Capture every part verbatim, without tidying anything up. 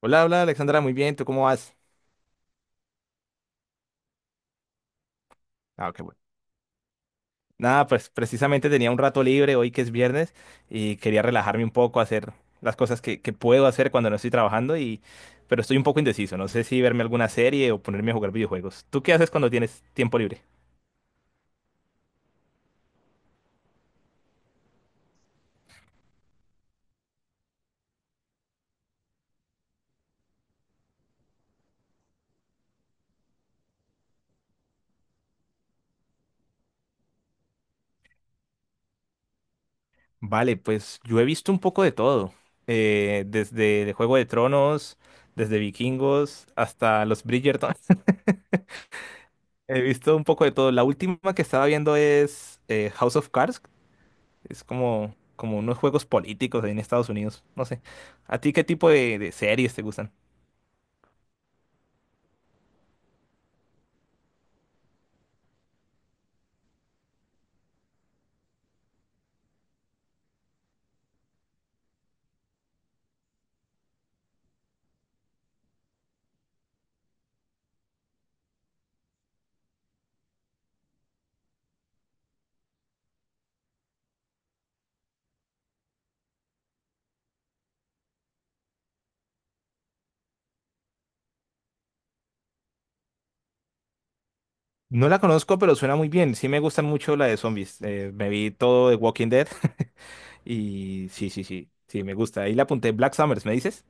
Hola, hola Alexandra, muy bien, ¿tú cómo vas? Ah, qué bueno. Nada, pues precisamente tenía un rato libre hoy que es viernes y quería relajarme un poco, hacer las cosas que, que puedo hacer cuando no estoy trabajando y pero estoy un poco indeciso, no sé si verme alguna serie o ponerme a jugar videojuegos. ¿Tú qué haces cuando tienes tiempo libre? Vale, pues yo he visto un poco de todo, eh, desde el Juego de Tronos, desde Vikingos hasta los Bridgerton. He visto un poco de todo. La última que estaba viendo es eh, House of Cards. Es como, como unos juegos políticos ahí en Estados Unidos. No sé. ¿A ti qué tipo de, de series te gustan? No la conozco, pero suena muy bien. Sí me gustan mucho la de zombies. Eh, me vi todo de Walking Dead y sí, sí, sí, sí, me gusta. Ahí la apunté. Black Summers, ¿me dices?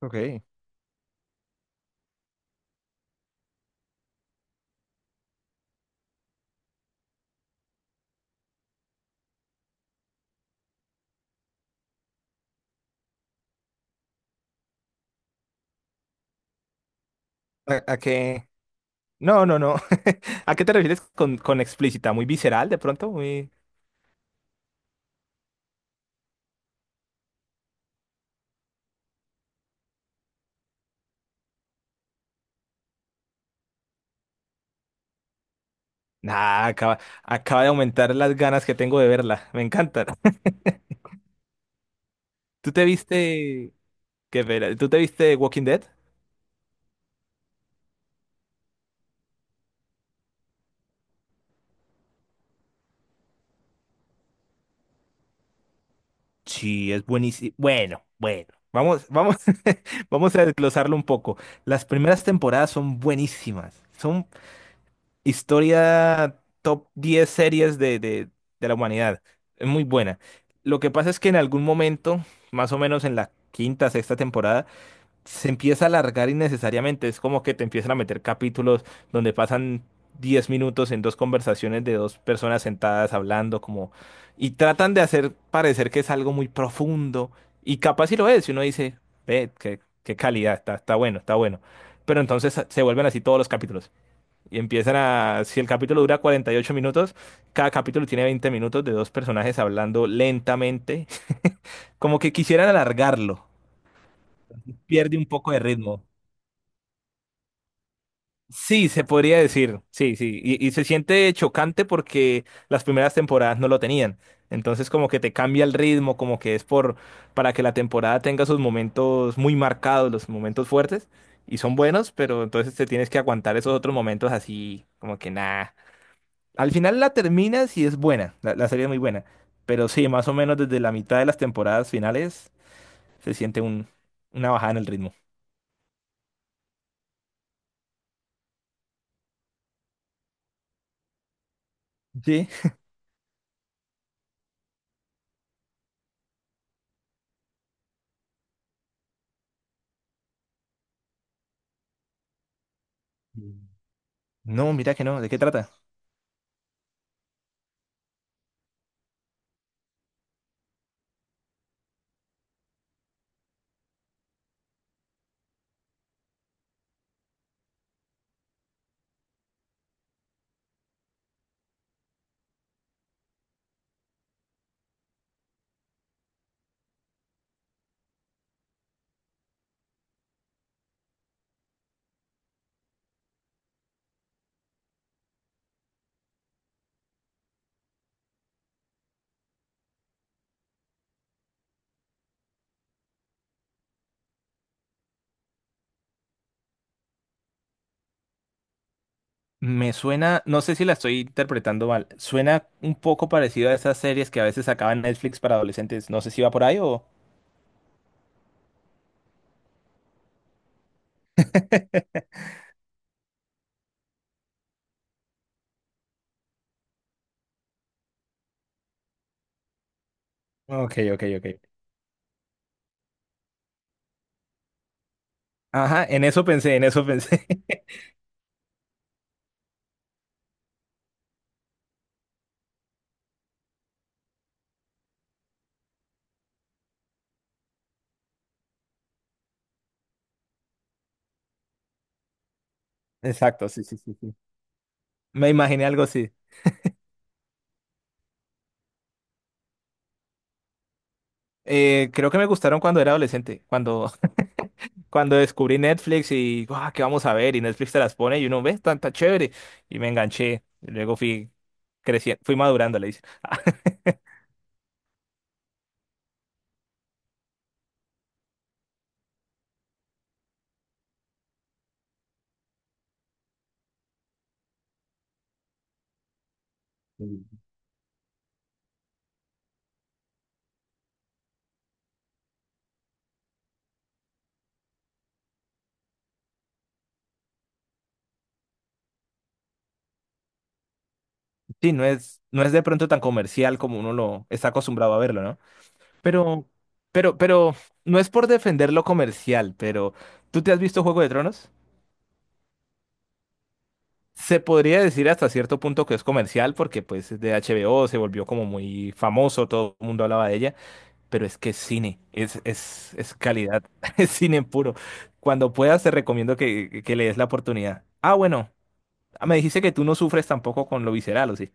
Ok. ¿A, a qué? No, no, no. ¿A qué te refieres con, con explícita? ¿Muy visceral de pronto? Muy... Nah, acaba, acaba de aumentar las ganas que tengo de verla. Me encanta. ¿Tú te viste... ¿Qué pena? ¿Tú te viste Walking Dead? Sí, es buenísimo. Bueno, bueno, vamos, vamos, vamos a desglosarlo un poco. Las primeras temporadas son buenísimas. Son historia top diez series de, de, de la humanidad. Es muy buena. Lo que pasa es que en algún momento, más o menos en la quinta, sexta temporada, se empieza a alargar innecesariamente. Es como que te empiezan a meter capítulos donde pasan diez minutos en dos conversaciones de dos personas sentadas hablando, como, y tratan de hacer parecer que es algo muy profundo. Y capaz si lo es, y uno dice, ve, qué, qué calidad, está, está bueno, está bueno. Pero entonces se vuelven así todos los capítulos. Y empiezan a, si el capítulo dura cuarenta y ocho minutos, cada capítulo tiene veinte minutos de dos personajes hablando lentamente, como que quisieran alargarlo. Pierde un poco de ritmo. Sí, se podría decir, sí, sí, y, y se siente chocante porque las primeras temporadas no lo tenían, entonces como que te cambia el ritmo, como que es por, para que la temporada tenga sus momentos muy marcados, los momentos fuertes, y son buenos, pero entonces te tienes que aguantar esos otros momentos así, como que nada. Al final la terminas y es buena, la, la serie es muy buena, pero sí, más o menos desde la mitad de las temporadas finales se siente un, una bajada en el ritmo. Sí. Mm. No, mira que no, ¿de qué trata? Me suena, no sé si la estoy interpretando mal, suena un poco parecido a esas series que a veces sacaban Netflix para adolescentes. No sé si va por ahí o... Ok, ok, ok. Ajá, en eso pensé, en eso pensé. Exacto, sí, sí, sí, sí. Me imaginé algo así. Eh, creo que me gustaron cuando era adolescente, cuando, cuando descubrí Netflix y, "Guau, ¿qué vamos a ver? Y Netflix te las pone y uno ve, tanta chévere. Y me enganché. Y luego fui creciendo, fui madurando, le dice. Sí, no es, no es de pronto tan comercial como uno lo está acostumbrado a verlo, ¿no? Pero, pero, pero, no es por defender lo comercial, pero ¿tú te has visto Juego de Tronos? Se podría decir hasta cierto punto que es comercial porque pues es de H B O, se volvió como muy famoso, todo el mundo hablaba de ella, pero es que es cine, es, es, es calidad, es cine puro. Cuando puedas te recomiendo que, que le des la oportunidad. Ah, bueno, me dijiste que tú no sufres tampoco con lo visceral, ¿o sí?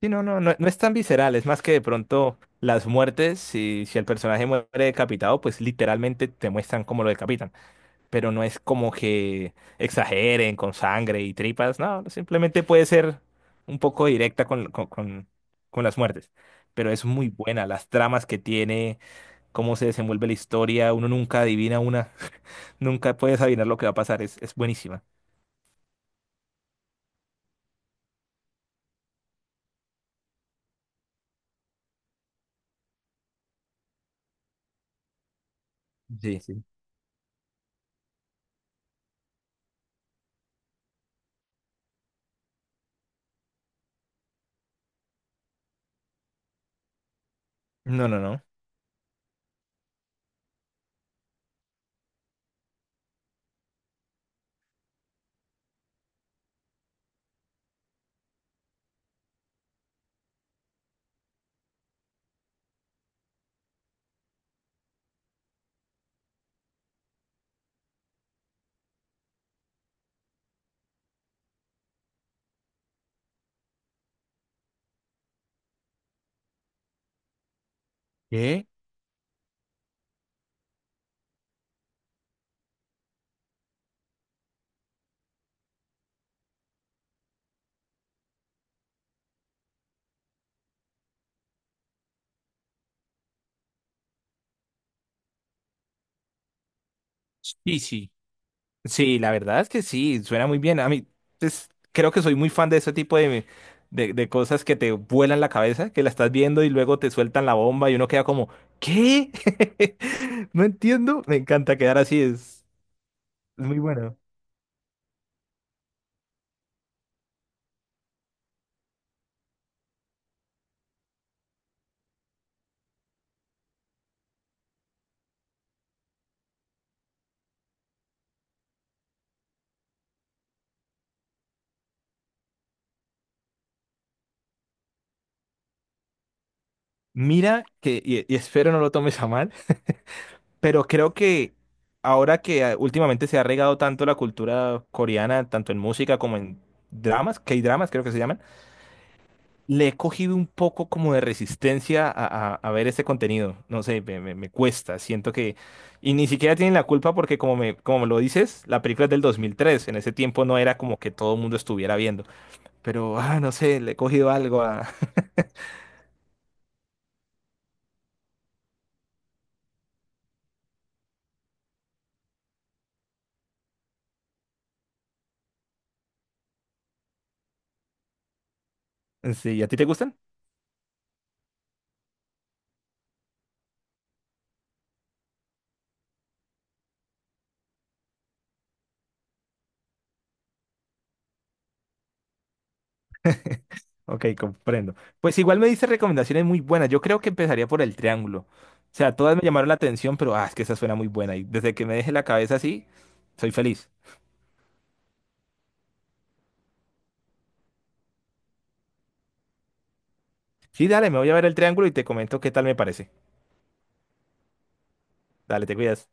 Sí, no, no, no, no es tan visceral, es más que de pronto las muertes, si, si el personaje muere decapitado, pues literalmente te muestran cómo lo decapitan, pero no es como que exageren con sangre y tripas, no, simplemente puede ser un poco directa con, con, con- con las muertes, pero es muy buena, las tramas que tiene, cómo se desenvuelve la historia, uno nunca adivina una, nunca puedes adivinar lo que va a pasar, es, es buenísima. Sí, sí. No, no, no. ¿Qué? Sí, sí. Sí, la verdad es que sí, suena muy bien. A mí, pues, creo que soy muy fan de ese tipo de, de, de cosas que te vuelan la cabeza, que la estás viendo y luego te sueltan la bomba y uno queda como, ¿qué? No entiendo. Me encanta quedar así, es, es muy bueno. Mira que, y, y espero no lo tomes a mal, pero creo que ahora que ah, últimamente se ha regado tanto la cultura coreana, tanto en música como en dramas, K-dramas creo que se llaman, le he cogido un poco como de resistencia a, a- a ver este contenido. No sé, me, me- me cuesta. Siento que... Y ni siquiera tienen la culpa porque como me, como me lo dices, la película es del dos mil tres. En ese tiempo no era como que todo el mundo estuviera viendo. Pero, ah, no sé, le he cogido algo a... Sí, ¿a ti te gustan? Ok, comprendo. Pues igual me diste recomendaciones muy buenas. Yo creo que empezaría por el triángulo. O sea, todas me llamaron la atención, pero ah, es que esa suena muy buena. Y desde que me deje la cabeza así, soy feliz. Sí, dale, me voy a ver el triángulo y te comento qué tal me parece. Dale, te cuidas.